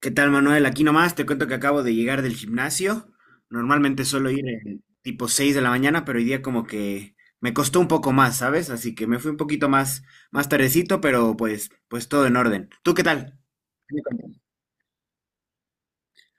¿Qué tal, Manuel? Aquí nomás te cuento que acabo de llegar del gimnasio. Normalmente suelo ir en tipo 6 de la mañana, pero hoy día como que me costó un poco más, ¿sabes? Así que me fui un poquito más, más tardecito, pero pues todo en orden. ¿Tú qué tal? ¿Qué me cuentas?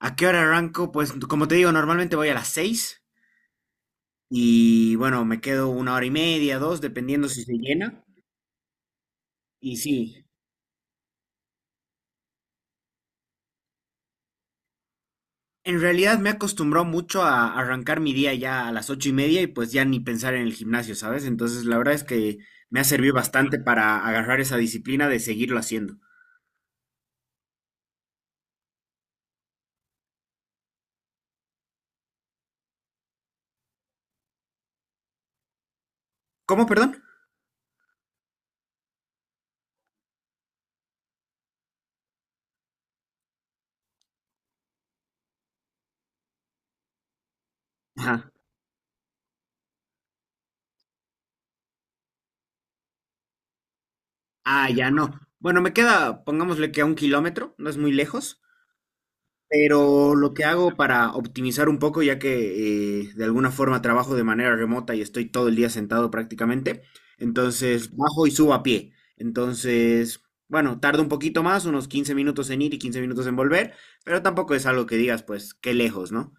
¿A qué hora arranco? Pues como te digo, normalmente voy a las 6 y bueno, me quedo una hora y media, dos, dependiendo si se llena. Y sí, en realidad me he acostumbrado mucho a arrancar mi día ya a las ocho y media y pues ya ni pensar en el gimnasio, ¿sabes? Entonces la verdad es que me ha servido bastante para agarrar esa disciplina de seguirlo haciendo. ¿Cómo, perdón? Ajá. Ah, ya no. Bueno, me queda, pongámosle que a 1 kilómetro, no es muy lejos, pero lo que hago para optimizar un poco, ya que de alguna forma trabajo de manera remota y estoy todo el día sentado prácticamente, entonces bajo y subo a pie. Entonces, bueno, tarda un poquito más, unos 15 minutos en ir y 15 minutos en volver, pero tampoco es algo que digas, pues, qué lejos, ¿no?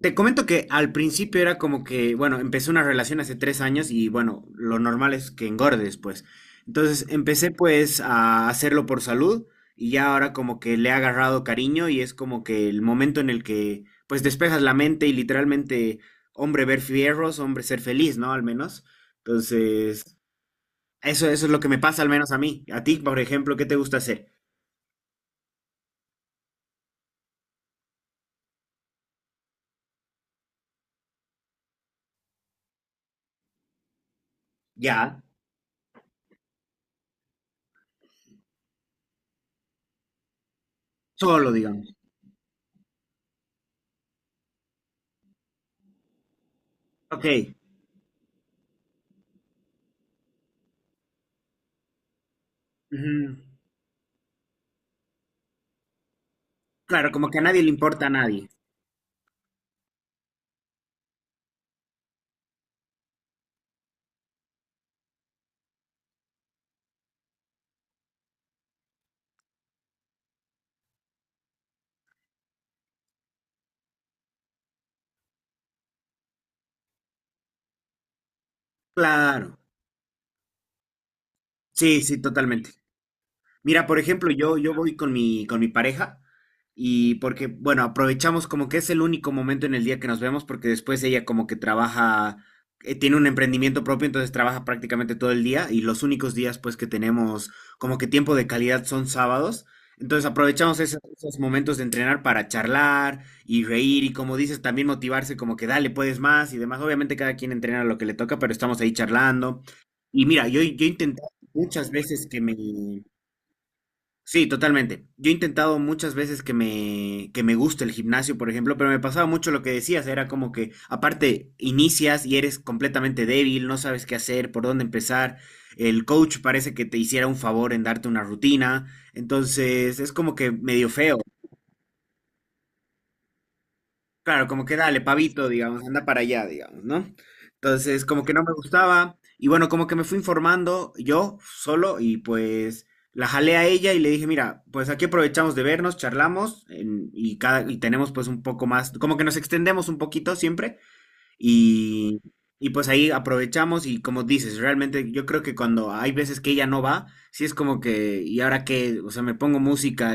Te comento que al principio era como que, bueno, empecé una relación hace 3 años y bueno, lo normal es que engordes, pues. Entonces empecé pues a hacerlo por salud y ya ahora como que le he agarrado cariño y es como que el momento en el que pues despejas la mente y literalmente, hombre, ver fierros, hombre, ser feliz, ¿no? Al menos. Entonces, eso es lo que me pasa al menos a mí. A ti, por ejemplo, ¿qué te gusta hacer? Ya, solo, digamos. Ok. Ujú. Claro, como que a nadie le importa a nadie. Claro. Sí, sí, totalmente. Mira, por ejemplo, yo voy con mi pareja y porque, bueno, aprovechamos como que es el único momento en el día que nos vemos porque después ella como que trabaja, tiene un emprendimiento propio, entonces trabaja prácticamente todo el día y los únicos días pues que tenemos como que tiempo de calidad son sábados. Entonces aprovechamos esos momentos de entrenar para charlar y reír y como dices, también motivarse como que dale, puedes más y demás. Obviamente cada quien entrena lo que le toca, pero estamos ahí charlando. Y mira, yo intenté muchas veces que me... Sí, totalmente. Yo he intentado muchas veces que me guste el gimnasio, por ejemplo, pero me pasaba mucho lo que decías, era como que aparte inicias y eres completamente débil, no sabes qué hacer, por dónde empezar, el coach parece que te hiciera un favor en darte una rutina, entonces es como que medio feo. Claro, como que dale, pavito, digamos, anda para allá, digamos, ¿no? Entonces, como que no me gustaba, y bueno, como que me fui informando yo solo, y pues la jalé a ella y le dije, mira, pues aquí aprovechamos de vernos, charlamos, en- y cada, y tenemos pues un poco más, como que nos extendemos un poquito siempre, y, y pues ahí aprovechamos, y como dices, realmente yo creo que cuando hay veces que ella no va, sí es como que, ¿y ahora qué? O sea, me pongo música.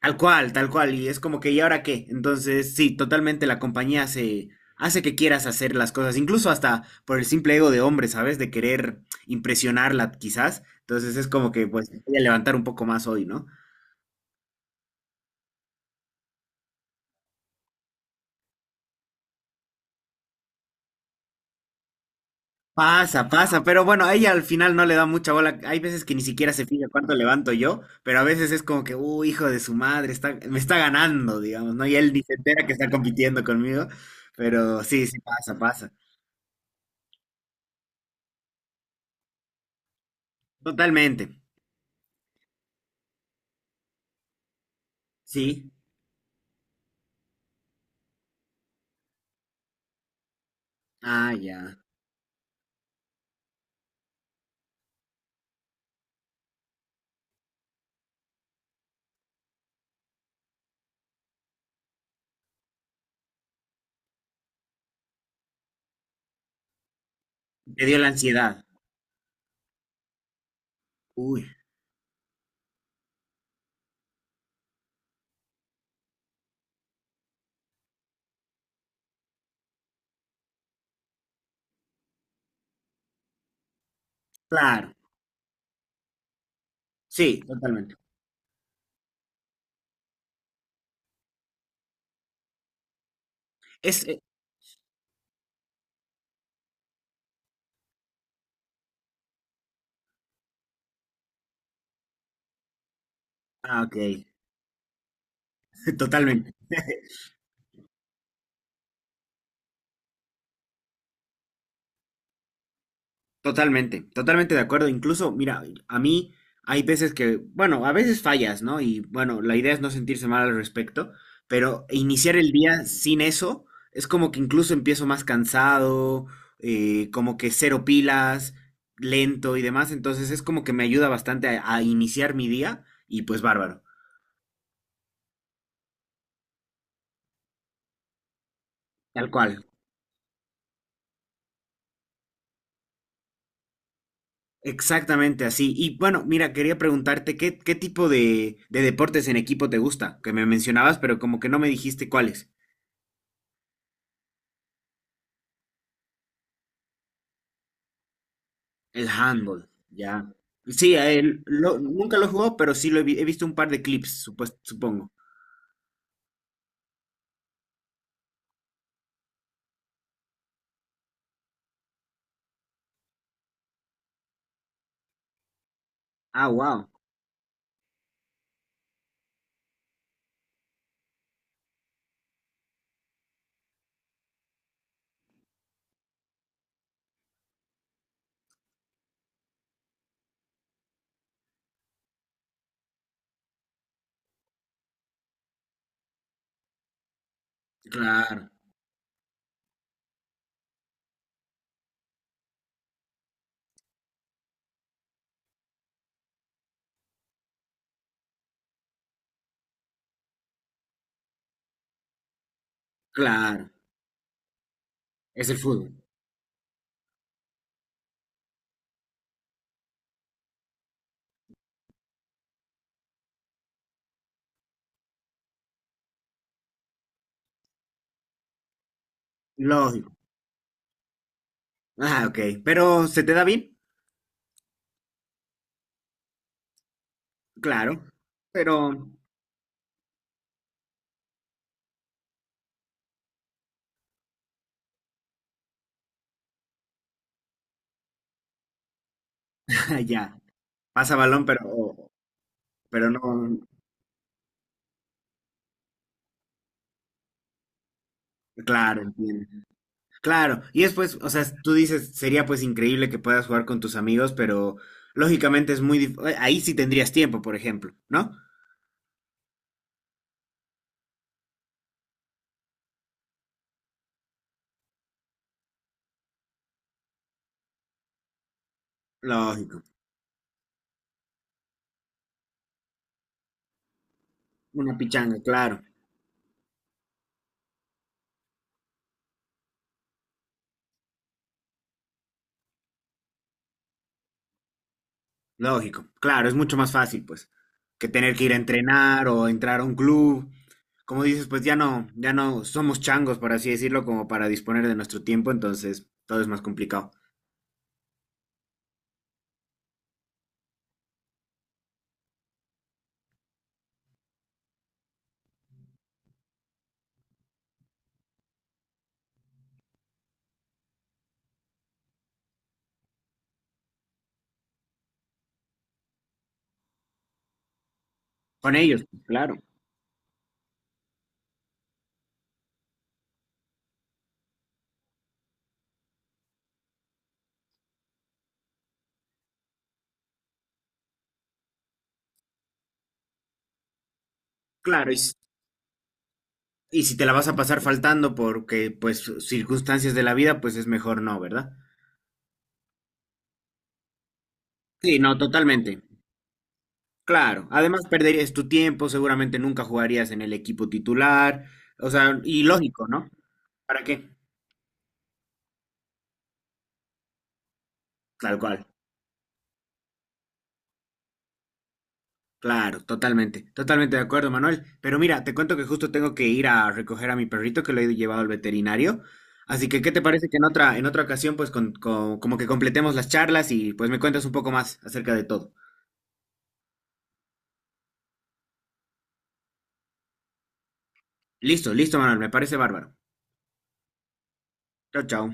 Tal cual, y es como que, ¿y ahora qué? Entonces, sí, totalmente la compañía hace, hace que quieras hacer las cosas, incluso hasta por el simple ego de hombre, ¿sabes? De querer impresionarla, quizás. Entonces es como que, pues, voy a levantar un poco más hoy, ¿no? Pasa, pasa, pero bueno, a ella al final no le da mucha bola. Hay veces que ni siquiera se fija cuánto levanto yo, pero a veces es como que, hijo de su madre, está, me está ganando, digamos, ¿no? Y él ni se entera que está compitiendo conmigo, pero sí, sí, pasa, pasa. Totalmente, sí. Ah, ya. Te dio la ansiedad. Uy, claro. Sí, totalmente. Es, ah, ok. Totalmente, totalmente, totalmente de acuerdo. Incluso, mira, a mí hay veces que, bueno, a veces fallas, ¿no? Y bueno, la idea es no sentirse mal al respecto, pero iniciar el día sin eso es como que incluso empiezo más cansado, como que cero pilas, lento y demás. Entonces es como que me ayuda bastante a iniciar mi día y pues bárbaro. Tal cual. Exactamente así. Y bueno, mira, quería preguntarte qué, qué tipo de deportes en equipo te gusta, que me mencionabas, pero como que no me dijiste cuáles. El handball, ya. Sí, a lo- nunca lo he jugado, pero sí lo he, vi- he visto un par de clips, supues- supongo. Ah, wow. Claro, claro. Es el fútbol. Lógico. Ah, ok. Pero, ¿se te da bien? Claro. Pero, ya. Pasa balón, pero no. Claro, entiendo. Claro, y es pues, o sea, tú dices, sería pues increíble que puedas jugar con tus amigos, pero lógicamente es muy dif- ahí sí tendrías tiempo, por ejemplo, ¿no? Lógico. Una pichanga, claro. Lógico. Claro, es mucho más fácil, pues, que tener que ir a entrenar o entrar a un club. Como dices, pues ya no, ya no somos changos, por así decirlo, como para disponer de nuestro tiempo, entonces todo es más complicado. Con ellos, claro. Claro, y, s- y si te la vas a pasar faltando porque, pues, circunstancias de la vida, pues es mejor no, ¿verdad? Sí, no, totalmente. Claro. Además, perderías tu tiempo, seguramente nunca jugarías en el equipo titular. O sea, y lógico, ¿no? ¿Para qué? Tal cual. Claro, totalmente. Totalmente de acuerdo, Manuel. Pero mira, te cuento que justo tengo que ir a recoger a mi perrito que lo he llevado al veterinario. Así que, ¿qué te parece que en otra ocasión, pues, con- como que completemos las charlas y pues me cuentas un poco más acerca de todo? Listo, listo, Manuel. Me parece bárbaro. Chao, chao.